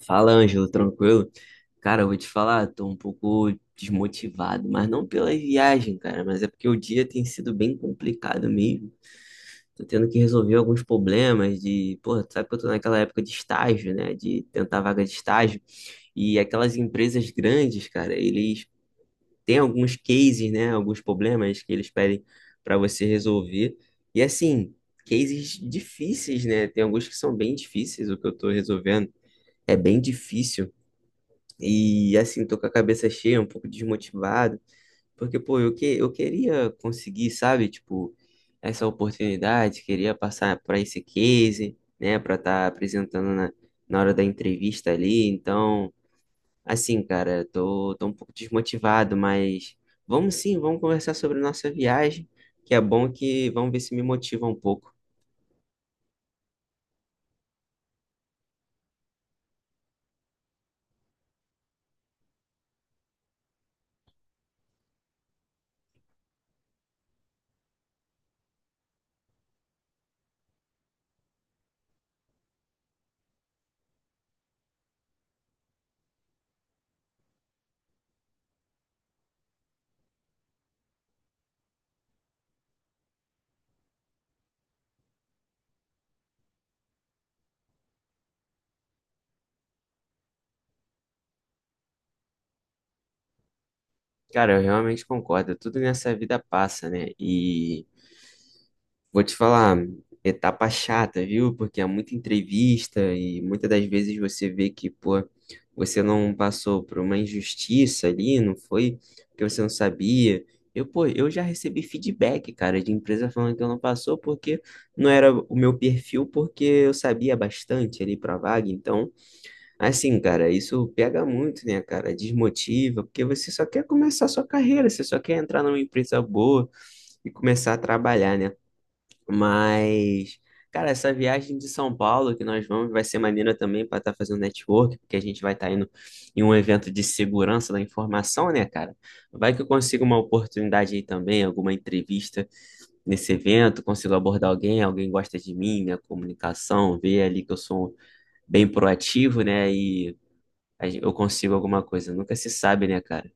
Fala, Ângelo, tranquilo? Cara, eu vou te falar, tô um pouco desmotivado, mas não pela viagem, cara, mas é porque o dia tem sido bem complicado mesmo. Tô tendo que resolver alguns problemas de, porra, tu sabe que eu tô naquela época de estágio, né? De tentar vaga de estágio. E aquelas empresas grandes, cara, eles têm alguns cases, né? Alguns problemas que eles pedem pra você resolver. E assim, cases difíceis, né? Tem alguns que são bem difíceis, o que eu tô resolvendo é bem difícil. E assim, tô com a cabeça cheia, um pouco desmotivado, porque, pô, eu queria conseguir, sabe, tipo, essa oportunidade, queria passar para esse case, né, para estar apresentando na hora da entrevista ali. Então, assim, cara, tô um pouco desmotivado, mas vamos sim, vamos conversar sobre nossa viagem, que é bom que vamos ver se me motiva um pouco. Cara, eu realmente concordo, tudo nessa vida passa, né? E. Vou te falar, etapa chata, viu? Porque é muita entrevista e muitas das vezes você vê que, pô, você não passou por uma injustiça ali, não foi porque você não sabia. Eu, pô, eu já recebi feedback, cara, de empresa falando que eu não passou porque não era o meu perfil, porque eu sabia bastante ali pra vaga. Então, assim, cara, isso pega muito, né, cara? Desmotiva, porque você só quer começar a sua carreira, você só quer entrar numa empresa boa e começar a trabalhar, né? Mas, cara, essa viagem de São Paulo que nós vamos vai ser maneira também para estar fazendo network, porque a gente vai estar indo em um evento de segurança da informação, né, cara? Vai que eu consigo uma oportunidade aí também, alguma entrevista nesse evento, consigo abordar alguém, alguém gosta de mim, minha comunicação, ver ali que eu sou bem proativo, né, e eu consigo alguma coisa. Nunca se sabe, né, cara?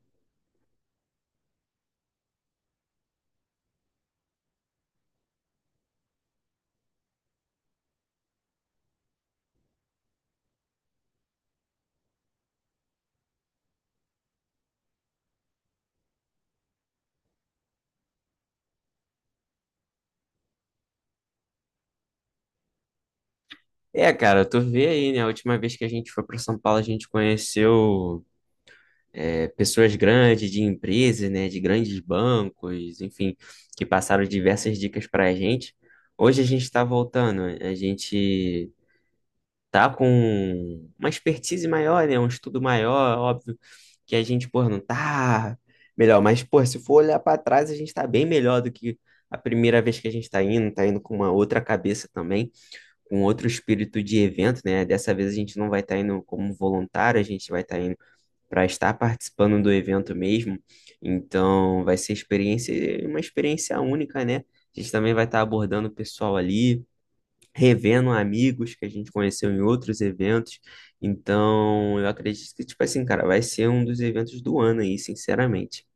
É, cara, tu vê aí, né? A última vez que a gente foi para São Paulo, a gente conheceu. É, pessoas grandes, de empresas, né, de grandes bancos, enfim, que passaram diversas dicas para a gente. Hoje a gente está voltando, a gente tá com uma expertise maior, né, um estudo maior, óbvio, que a gente, pô, não tá melhor, mas, pô, se for olhar para trás, a gente tá bem melhor do que a primeira vez que a gente está indo, tá indo com uma outra cabeça também, com outro espírito de evento, né? Dessa vez a gente não vai estar indo como voluntário, a gente vai estar para estar participando do evento mesmo. Então, vai ser experiência, uma experiência única, né? A gente também vai estar abordando o pessoal ali, revendo amigos que a gente conheceu em outros eventos. Então, eu acredito que, tipo assim, cara, vai ser um dos eventos do ano aí, sinceramente.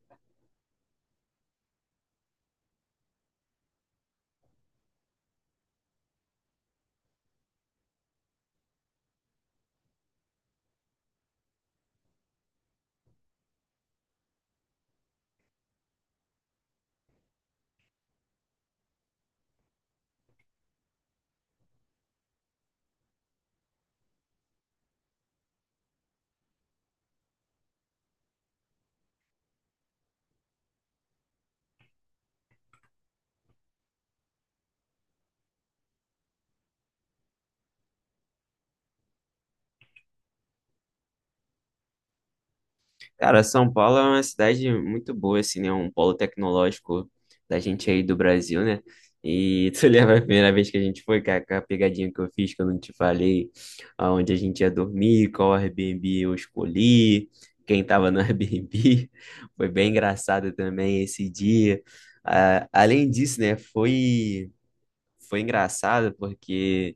Cara, São Paulo é uma cidade muito boa, assim, né? Um polo tecnológico da gente aí do Brasil, né? E tu lembra a primeira vez que a gente foi, cara, com a pegadinha que eu fiz, que eu não te falei, aonde a gente ia dormir, qual Airbnb eu escolhi, quem tava no Airbnb. Foi bem engraçado também esse dia. Ah, além disso, né, foi engraçado porque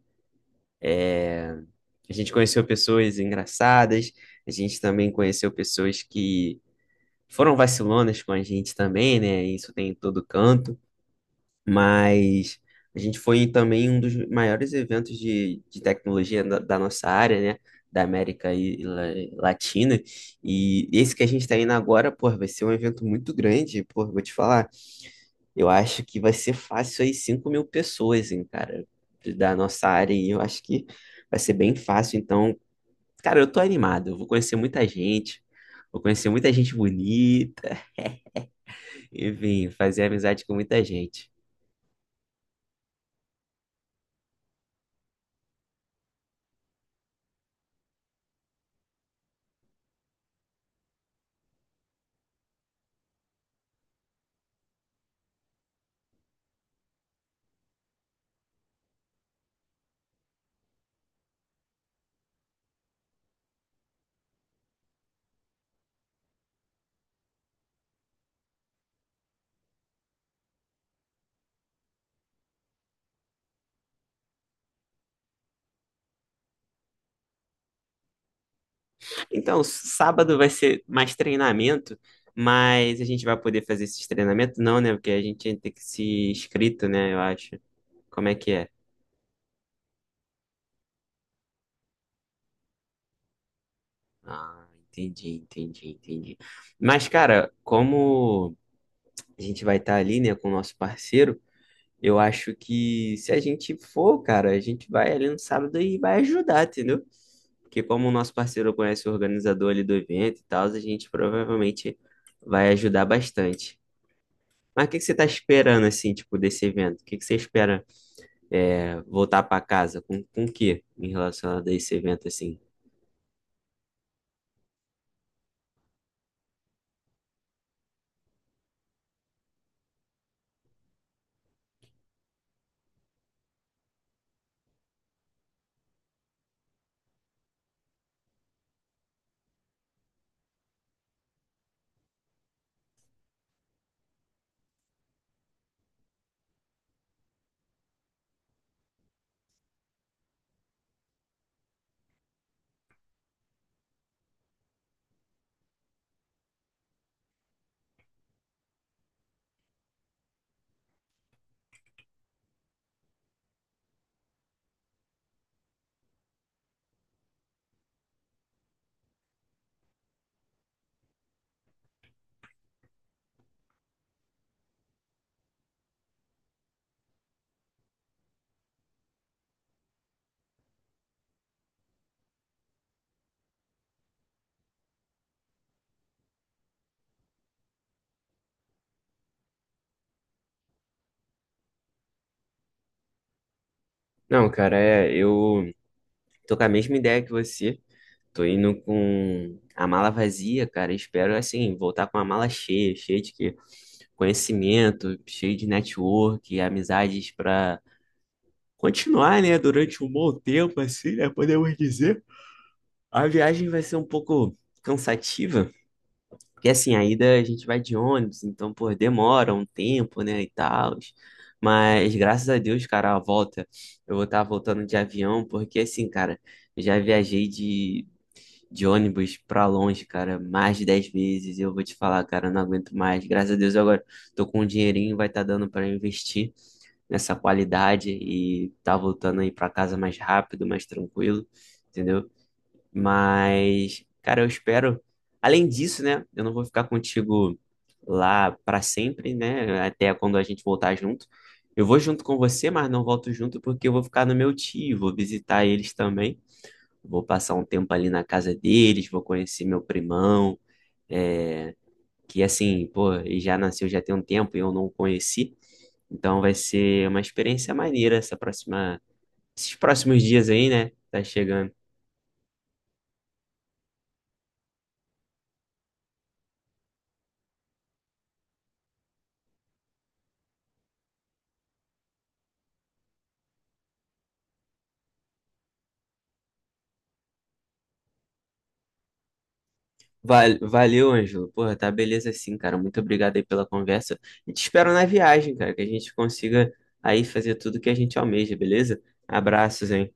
a gente conheceu pessoas engraçadas, a gente também conheceu pessoas que foram vacilonas com a gente também, né? Isso tem em todo canto, mas a gente foi também um dos maiores eventos de tecnologia da nossa área, né? Da América Latina. E esse que a gente está indo agora, pô, vai ser um evento muito grande, pô, vou te falar. Eu acho que vai ser fácil aí 5.000 pessoas, hein, cara, da nossa área. E eu acho que vai ser bem fácil. Então, cara, eu tô animado, eu vou conhecer muita gente. Vou conhecer muita gente bonita. Enfim, fazer amizade com muita gente. Então, sábado vai ser mais treinamento, mas a gente vai poder fazer esses treinamentos? Não, né? Porque a gente tem que se inscrito, né? Eu acho. Como é que é? Ah, entendi, entendi, entendi. Mas, cara, como a gente vai estar ali, né, com o nosso parceiro, eu acho que se a gente for, cara, a gente vai ali no sábado e vai ajudar, entendeu? Que como o nosso parceiro conhece o organizador ali do evento e tal, a gente provavelmente vai ajudar bastante. Mas o que que você está esperando, assim, tipo, desse evento? O que que você espera é, voltar para casa? Com o quê em relação a esse evento, assim? Não, cara, é, eu tô com a mesma ideia que você. Tô indo com a mala vazia, cara. Espero, assim, voltar com a mala cheia, cheia de quê? Conhecimento, cheio de network, amizades para continuar, né, durante um bom tempo, assim, né, podemos dizer. A viagem vai ser um pouco cansativa, porque assim, a ida a gente vai de ônibus, então, pô, demora um tempo, né, e tal. Mas graças a Deus, cara, a volta, eu vou estar voltando de avião, porque assim, cara, eu já viajei de ônibus pra longe, cara, mais de 10 vezes, e eu vou te falar, cara, eu não aguento mais. Graças a Deus, agora tô com um dinheirinho, vai estar dando pra investir nessa qualidade e tá voltando aí para casa mais rápido, mais tranquilo, entendeu? Mas, cara, eu espero. Além disso, né? Eu não vou ficar contigo lá para sempre, né? Até quando a gente voltar junto. Eu vou junto com você, mas não volto junto porque eu vou ficar no meu tio, vou visitar eles também. Vou passar um tempo ali na casa deles, vou conhecer meu primão. É, que assim, pô, ele já nasceu já tem um tempo e eu não o conheci. Então vai ser uma experiência maneira essa próxima, esses próximos dias aí, né? Tá chegando. Valeu, Ângelo. Porra, tá beleza assim, cara. Muito obrigado aí pela conversa. E te espero na viagem, cara, que a gente consiga aí fazer tudo que a gente almeja, beleza? Abraços, hein?